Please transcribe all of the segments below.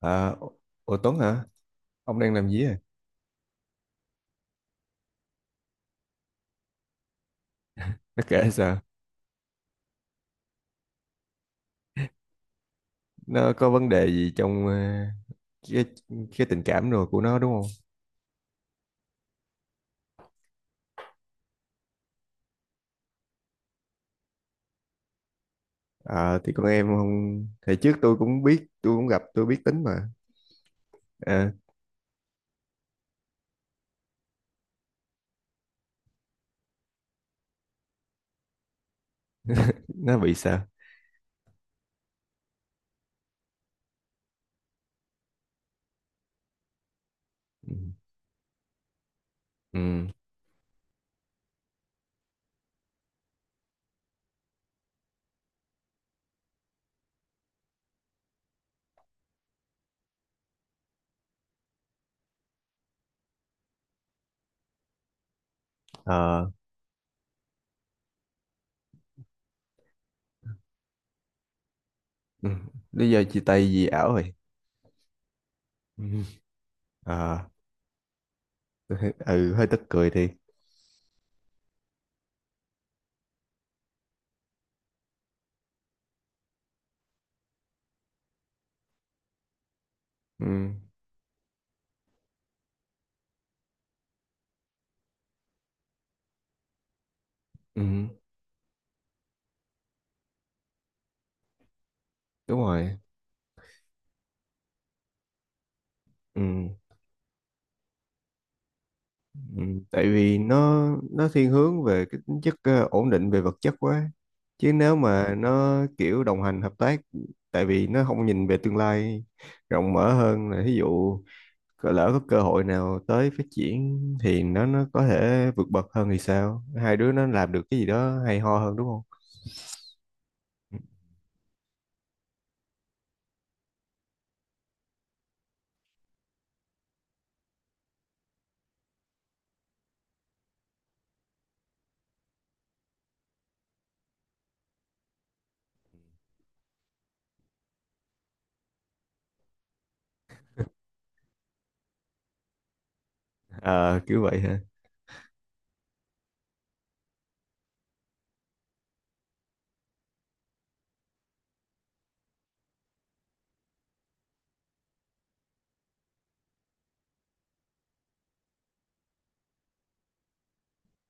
À, ủa Tuấn hả? Ông đang làm gì à? Nó kể sao? Nó có vấn đề gì trong cái cái tình cảm rồi của nó đúng không? À, thì con em không thì trước tôi cũng biết, tôi cũng gặp, tôi biết tính mà. À, nó bị sao? Ừ. Ừ. Ờ. Ừ. Lý do chia tay gì ảo rồi? Ừ. À, tôi thấy- ừ hơi tức cười thì. Ừ. Ừ. Đúng rồi. Ừ. Ừ, tại vì nó thiên hướng về cái tính chất ổn định về vật chất quá, chứ nếu mà nó kiểu đồng hành hợp tác. Tại vì nó không nhìn về tương lai rộng mở hơn, là ví dụ lỡ có cơ hội nào tới phát triển thì nó có thể vượt bậc hơn, thì sao hai đứa nó làm được cái gì đó hay ho hơn, đúng không? Ừ. Ờ, kiểu vậy hả?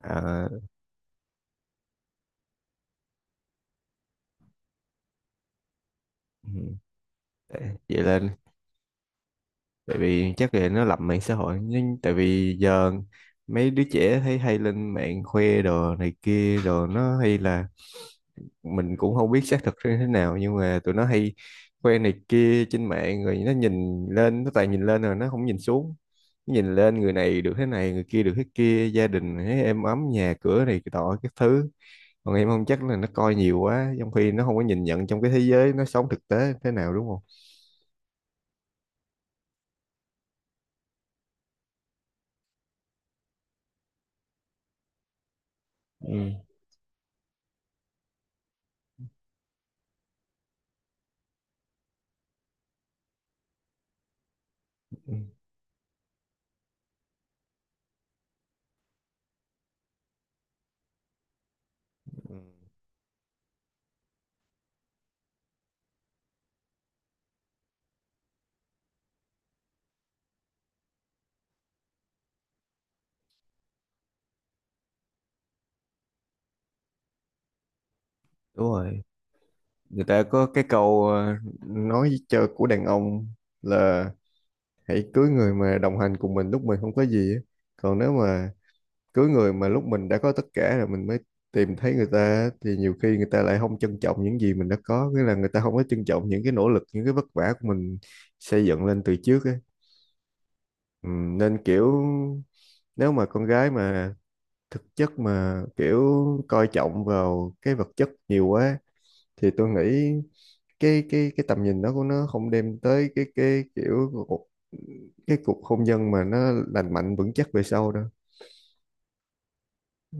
À, ừ. Vậy là tại vì chắc là nó lầm mạng xã hội, nhưng tại vì giờ mấy đứa trẻ thấy hay lên mạng khoe đồ này kia đồ, nó hay là mình cũng không biết xác thực như thế nào, nhưng mà tụi nó hay khoe này kia trên mạng rồi nó nhìn lên, nó toàn nhìn lên rồi nó không nhìn xuống. Nó nhìn lên người này được thế này, người kia được thế kia, gia đình thấy êm ấm nhà cửa này cái tọ các thứ. Còn em không, chắc là nó coi nhiều quá trong khi nó không có nhìn nhận trong cái thế giới nó sống thực tế thế nào, đúng không? Ừ. Ừ. Ừ. Đúng rồi. Người ta có cái câu nói chơi của đàn ông là hãy cưới người mà đồng hành cùng mình lúc mình không có gì á. Còn nếu mà cưới người mà lúc mình đã có tất cả rồi mình mới tìm thấy người ta á, thì nhiều khi người ta lại không trân trọng những gì mình đã có, nghĩa là người ta không có trân trọng những cái nỗ lực, những cái vất vả của mình xây dựng lên từ trước ấy. Ừ, nên kiểu nếu mà con gái mà thực chất mà kiểu coi trọng vào cái vật chất nhiều quá, thì tôi nghĩ cái tầm nhìn đó của nó không đem tới cái kiểu cái cuộc hôn nhân mà nó lành mạnh vững chắc về sau đâu. Ừ.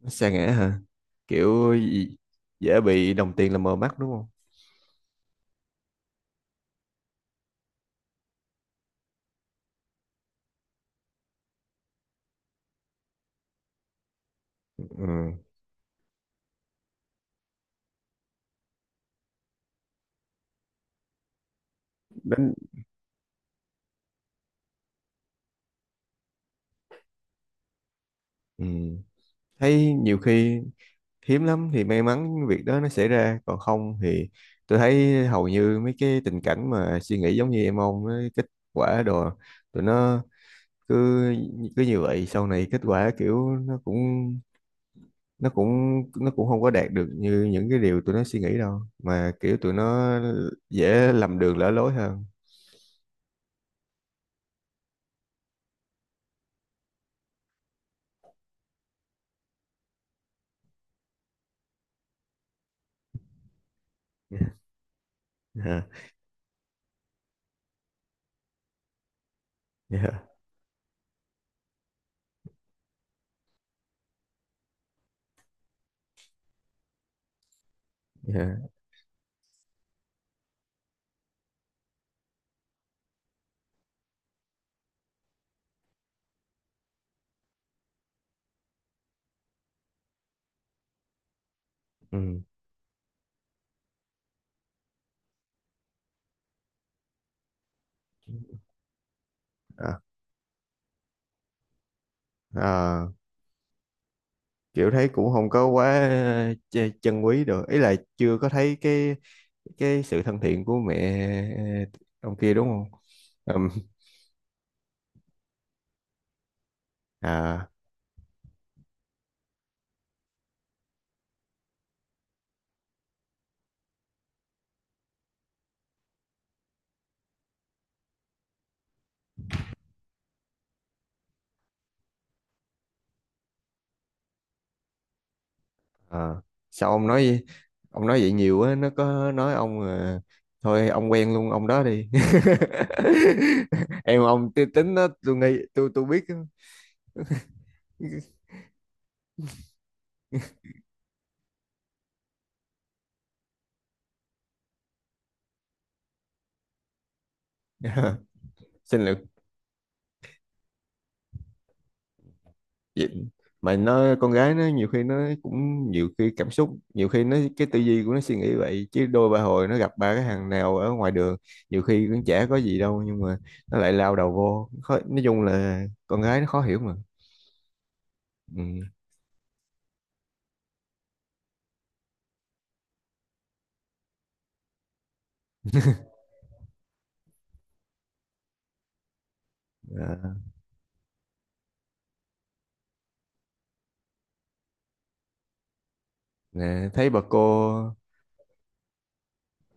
Nó sa ngã hả? kiểu gì- Dễ bị đồng tiền làm mờ mắt đúng không? Ừ. Đến. Ừ. Thấy nhiều khi hiếm lắm thì may mắn việc đó nó xảy ra, còn không thì tôi thấy hầu như mấy cái tình cảnh mà suy nghĩ giống như em ông ấy, kết quả đồ tụi nó cứ cứ như vậy, sau này kết quả kiểu nó cũng nó cũng không có đạt được như những cái điều tụi nó suy nghĩ đâu, mà kiểu tụi nó dễ lầm đường lỡ lối hơn. Yeah, yeah, yeah. Ừ. À, à, kiểu thấy cũng không có quá chân quý được, ý là chưa có thấy cái sự thân thiện của mẹ ờ, ông kia đúng không? Ừm, à, à, sao ông nói? Vậy nhiều á nó có nói ông à, thôi ông quen luôn ông đó đi. Em ông tính đó tôi nghĩ tôi biết á. Xin lỗi. Vậy mà nó con gái nó nhiều khi nó cũng nhiều khi cảm xúc, nhiều khi nó cái tư duy của nó suy nghĩ vậy, chứ đôi ba hồi nó gặp ba cái thằng nào ở ngoài đường nhiều khi cũng chả có gì đâu, nhưng mà nó lại lao đầu vô khó. Nói chung là con gái nó khó hiểu mà. Ừ. À, nè, thấy bà cô.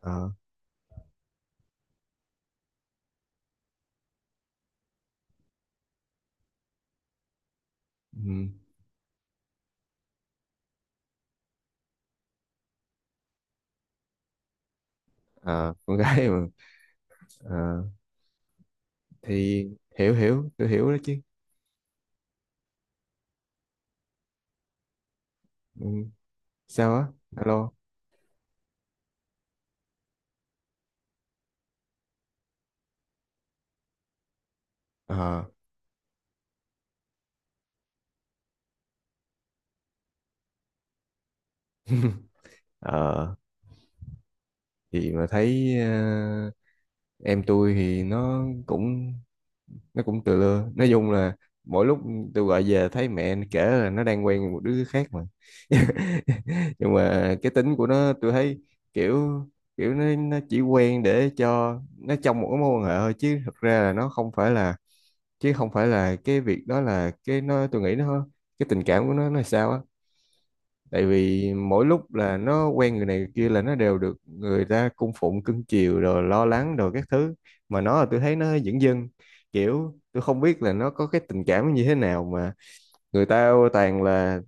ờ, ừ. Ờ, con gái mà. Ờ, thì hiểu, tôi hiểu đó chứ. Ừ. Sao á? Alo? Ờ, ờ, thì mà thấy em tôi thì nó cũng tự lưa. Nói chung là mỗi lúc tôi gọi về thấy mẹ kể là nó đang quen một đứa khác mà. Nhưng mà cái tính của nó tôi thấy kiểu kiểu nó chỉ quen để cho nó trong một cái mối quan hệ thôi, chứ thật ra là nó không phải là, chứ không phải là cái việc đó là cái nó, tôi nghĩ nó cái tình cảm của nó là sao á. Tại vì mỗi lúc là nó quen người này người kia là nó đều được người ta cung phụng cưng chiều rồi lo lắng rồi các thứ, mà nó là tôi thấy nó dửng dưng. Kiểu tôi không biết là nó có cái tình cảm như thế nào, mà người ta toàn là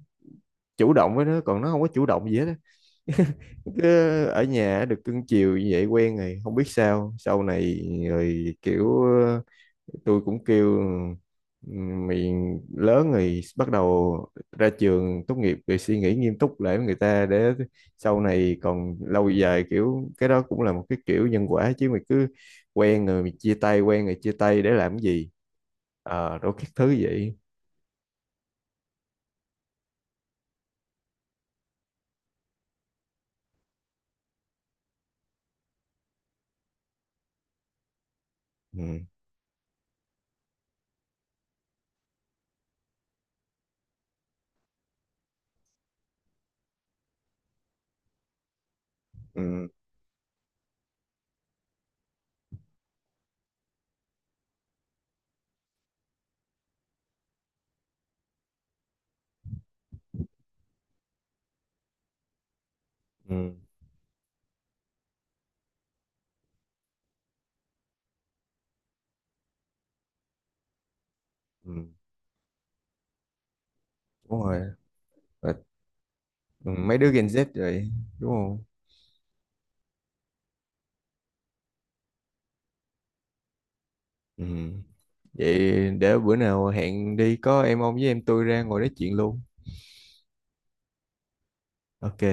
chủ động với nó, còn nó không có chủ động gì hết á, cứ ở nhà được cưng chiều như vậy quen rồi, không biết sao sau này. Rồi kiểu tôi cũng kêu "Ừ, mình lớn rồi, bắt đầu ra trường tốt nghiệp rồi suy nghĩ nghiêm túc lại với người ta, để sau này còn lâu dài. Kiểu cái đó cũng là một cái kiểu nhân quả, chứ mày cứ quen rồi mày chia tay, quen rồi chia tay để làm cái gì? Ờ đôi các thứ vậy." Ừ, ừ, ừ, ừ. Đúng rồi. Và mấy đứa Gen Z rồi, đúng không? Ừ. Vậy để bữa nào hẹn đi, có em ông với em tôi ra ngồi nói chuyện luôn. Ok.